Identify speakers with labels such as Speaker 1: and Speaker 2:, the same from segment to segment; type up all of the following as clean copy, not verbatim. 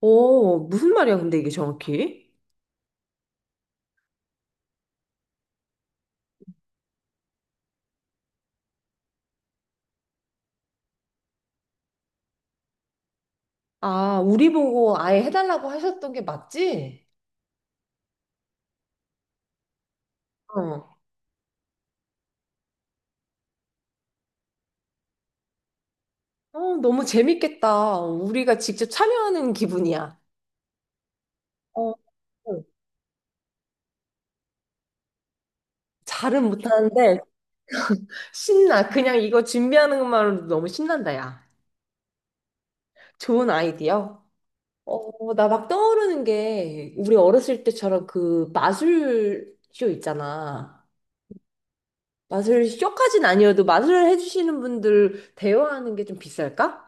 Speaker 1: 어, 무슨 말이야, 근데 이게 정확히? 아, 우리 보고 아예 해달라고 하셨던 게 맞지? 어. 어, 너무 재밌겠다. 우리가 직접 참여하는 기분이야. 어. 잘은 못하는데 신나. 그냥 이거 준비하는 것만으로도 너무 신난다, 야. 좋은 아이디어. 어, 나 막 떠오르는 게 우리 어렸을 때처럼 그 마술쇼 있잖아. 마술쇼까진 아니어도 마술을 해주시는 분들 대여하는 게 좀 비쌀까?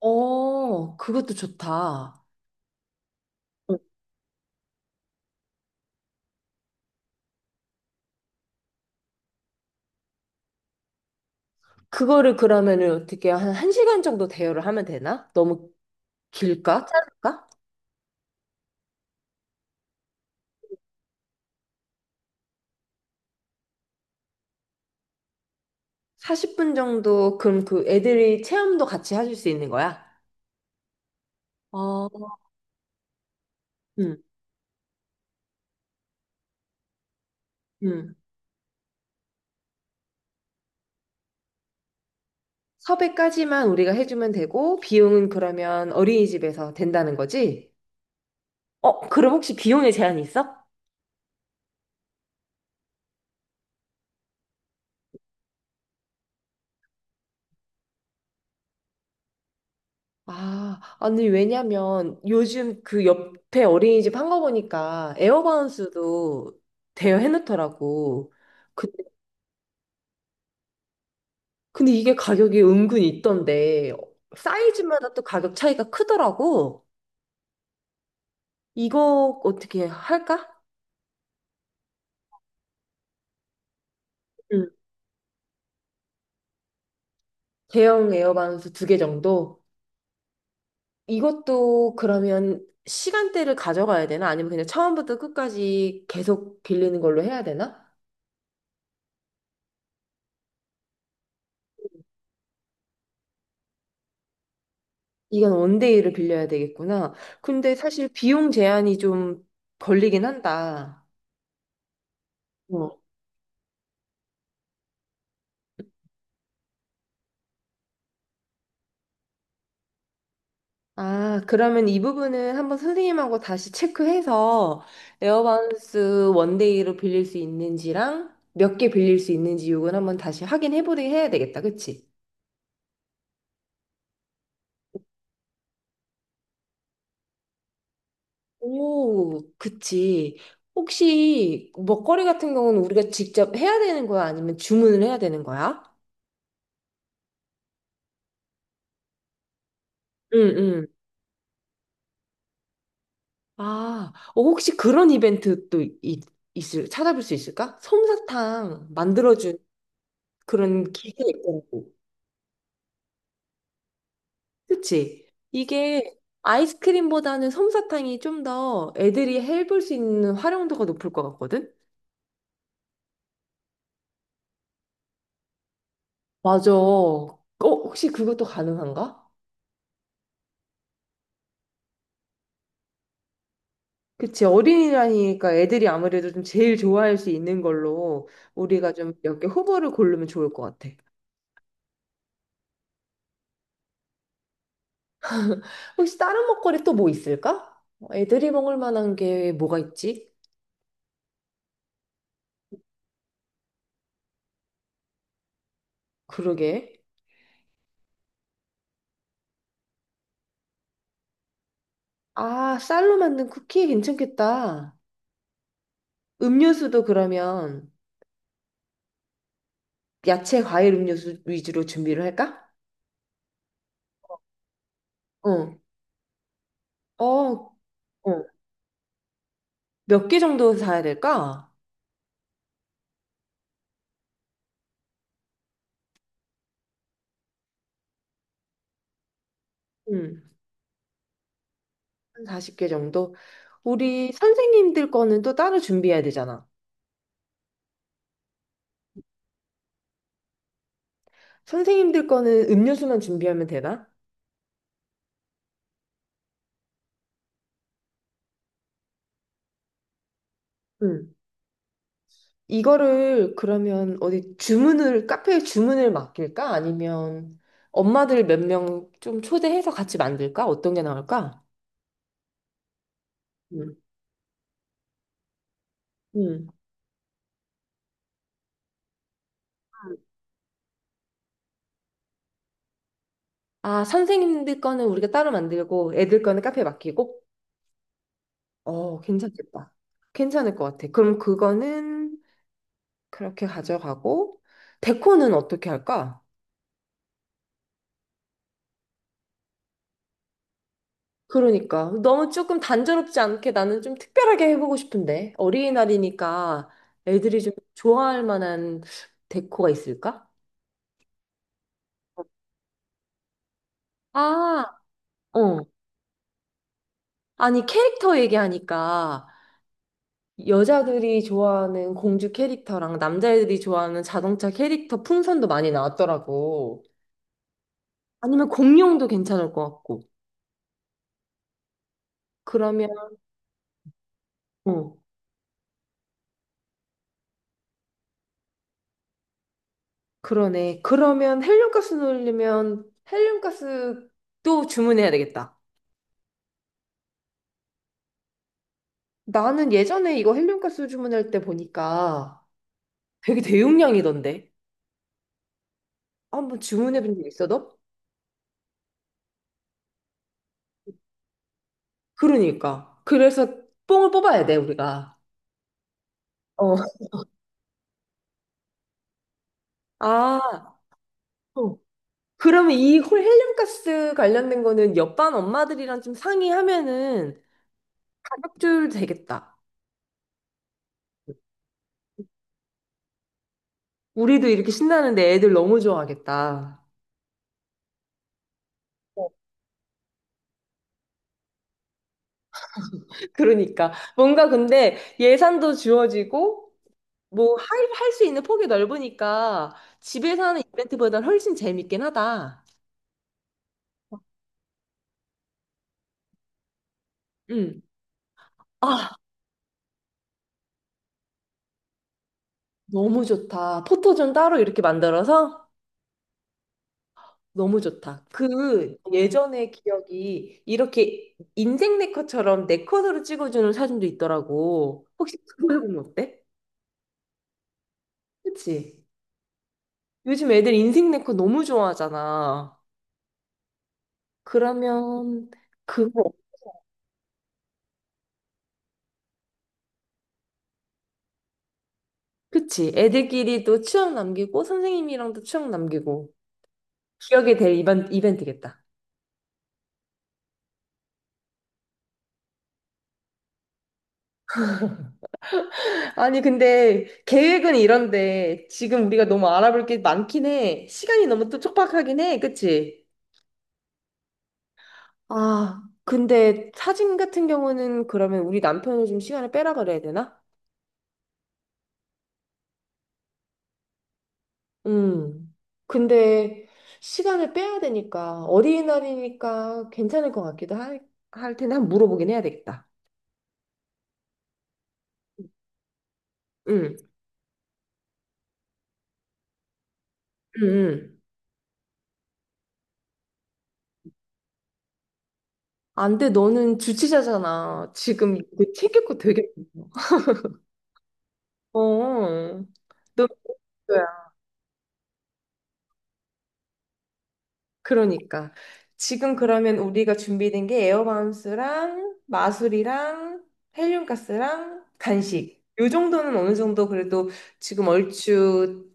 Speaker 1: 어, 그것도 좋다. 어, 그거를 그러면은 어떻게 한 1시간 정도 대여를 하면 되나? 너무 길까? 짧을까? 40분 정도, 그럼 그 애들이 체험도 같이 해줄 수 있는 거야? 어, 음, 음. 섭외까지만 우리가 해주면 되고, 비용은 그러면 어린이집에서 된다는 거지? 어, 그럼 혹시 비용에 제한이 있어? 아, 아니, 왜냐면 요즘 그 옆에 어린이집 한 거 보니까 에어바운스도 대여해놓더라고. 근데 이게 가격이 은근히 있던데, 사이즈마다 또 가격 차이가 크더라고. 이거 어떻게 할까? 응. 대형 에어반스 두 개 정도? 이것도 그러면 시간대를 가져가야 되나? 아니면 그냥 처음부터 끝까지 계속 빌리는 걸로 해야 되나? 이건 원데이를 빌려야 되겠구나. 근데 사실 비용 제한이 좀 걸리긴 한다. 아, 그러면 이 부분은 한번 선생님하고 다시 체크해서 에어바운스 원데이로 빌릴 수 있는지랑 몇 개 빌릴 수 있는지 요건 한번 다시 확인해 보게 해야 되겠다. 그치? 오, 그치. 혹시 먹거리 같은 경우는 우리가 직접 해야 되는 거야? 아니면 주문을 해야 되는 거야? 응, 응. 아, 어, 혹시 그런 이벤트 또 있을, 찾아볼 수 있을까? 솜사탕 만들어준 그런 기계 있더라고. 그치? 이게 아이스크림보다는 솜사탕이 좀 더 애들이 해볼 수 있는 활용도가 높을 것 같거든? 맞아. 어, 혹시 그것도 가능한가? 그치. 어린이라니까 애들이 아무래도 좀 제일 좋아할 수 있는 걸로 우리가 좀 몇 개 후보를 고르면 좋을 것 같아. 혹시 다른 먹거리 또 뭐 있을까? 애들이 먹을 만한 게 뭐가 있지? 그러게. 아, 쌀로 만든 쿠키 괜찮겠다. 음료수도 그러면 야채, 과일, 음료수 위주로 준비를 할까? 어, 어, 어. 몇 개 정도 사야 될까? 음, 한 40개 정도. 우리 선생님들 거는 또 따로 준비해야 되잖아. 선생님들 거는 음료수만 준비하면 되나? 음, 이거를 그러면 어디 주문을, 카페에 주문을 맡길까? 아니면 엄마들 몇 명 좀 초대해서 같이 만들까? 어떤 게 나을까? 음. 음. 아, 선생님들 거는 우리가 따로 만들고 애들 거는 카페에 맡기고? 어, 괜찮겠다. 괜찮을 것 같아. 그럼 그거는 그렇게 가져가고, 데코는 어떻게 할까? 그러니까. 너무 조금 단조롭지 않게 나는 좀 특별하게 해보고 싶은데. 어린이날이니까 애들이 좀 좋아할 만한 데코가 있을까? 아, 어. 아니, 캐릭터 얘기하니까 여자들이 좋아하는 공주 캐릭터랑 남자애들이 좋아하는 자동차 캐릭터 풍선도 많이 나왔더라고. 아니면 공룡도 괜찮을 것 같고. 그러면, 어. 그러네. 그러면 헬륨가스 넣으려면 헬륨가스도 주문해야 되겠다. 나는 예전에 이거 헬륨가스 주문할 때 보니까 되게 대용량이던데. 한번 주문해 본 적 있어, 너? 그러니까. 그래서 뽕을 뽑아야 돼, 우리가. 어. 아, 어. 그러면 이 헬륨가스 관련된 거는 옆반 엄마들이랑 좀 상의하면은 가격 조율 되겠다. 우리도 이렇게 신나는데 애들 너무 좋아하겠다. 그러니까 뭔가 근데 예산도 주어지고 뭐 할 수 있는 폭이 넓으니까 집에서 하는 이벤트보다 훨씬 재밌긴 하다. 응. 아, 너무 좋다. 포토존 따로 이렇게 만들어서 너무 좋다. 그 예전의 기억이 이렇게 인생 네컷처럼 네컷으로 찍어주는 사진도 있더라고. 혹시 그걸 보면 어때? 그치? 요즘 애들 인생 네컷 너무 좋아하잖아. 그러면 그거 그치. 애들끼리 도 추억 남기고, 선생님이랑도 추억 남기고, 기억에 될 이벤트겠다. 아니, 근데 계획은 이런데, 지금 우리가 너무 알아볼 게 많긴 해. 시간이 너무 또 촉박하긴 해. 그치? 아, 근데 사진 같은 경우는 그러면 우리 남편을 좀 시간을 빼라 그래야 되나? 음. 근데 시간을 빼야 되니까, 어린이날이니까 괜찮을 것 같기도 할 텐데, 한번 물어보긴 해야 되겠다. 응, 응, 응. 안 돼, 너는 주치자잖아. 지금 이거 챙길 거 되게 많아. 어, 너 뭐야? 그러니까. 지금 그러면 우리가 준비된 게 에어바운스랑 마술이랑 헬륨가스랑 간식. 요 정도는 어느 정도 그래도 지금 얼추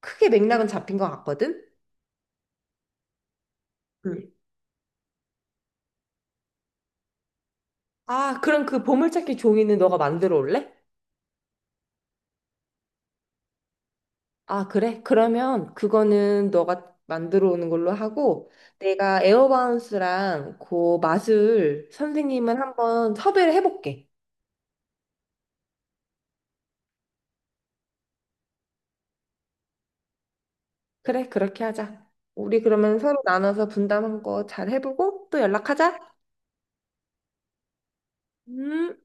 Speaker 1: 크게 맥락은 잡힌 것 같거든? 응. 아, 그럼 그 보물찾기 종이는 너가 만들어 올래? 아, 그래? 그러면 그거는 너가 만들어 오는 걸로 하고 내가 에어바운스랑 그 맛을 선생님은 한번 섭외를 해볼게. 그래, 그렇게 하자. 우리 그러면 서로 나눠서 분담한 거 잘 해보고 또 연락하자. 음.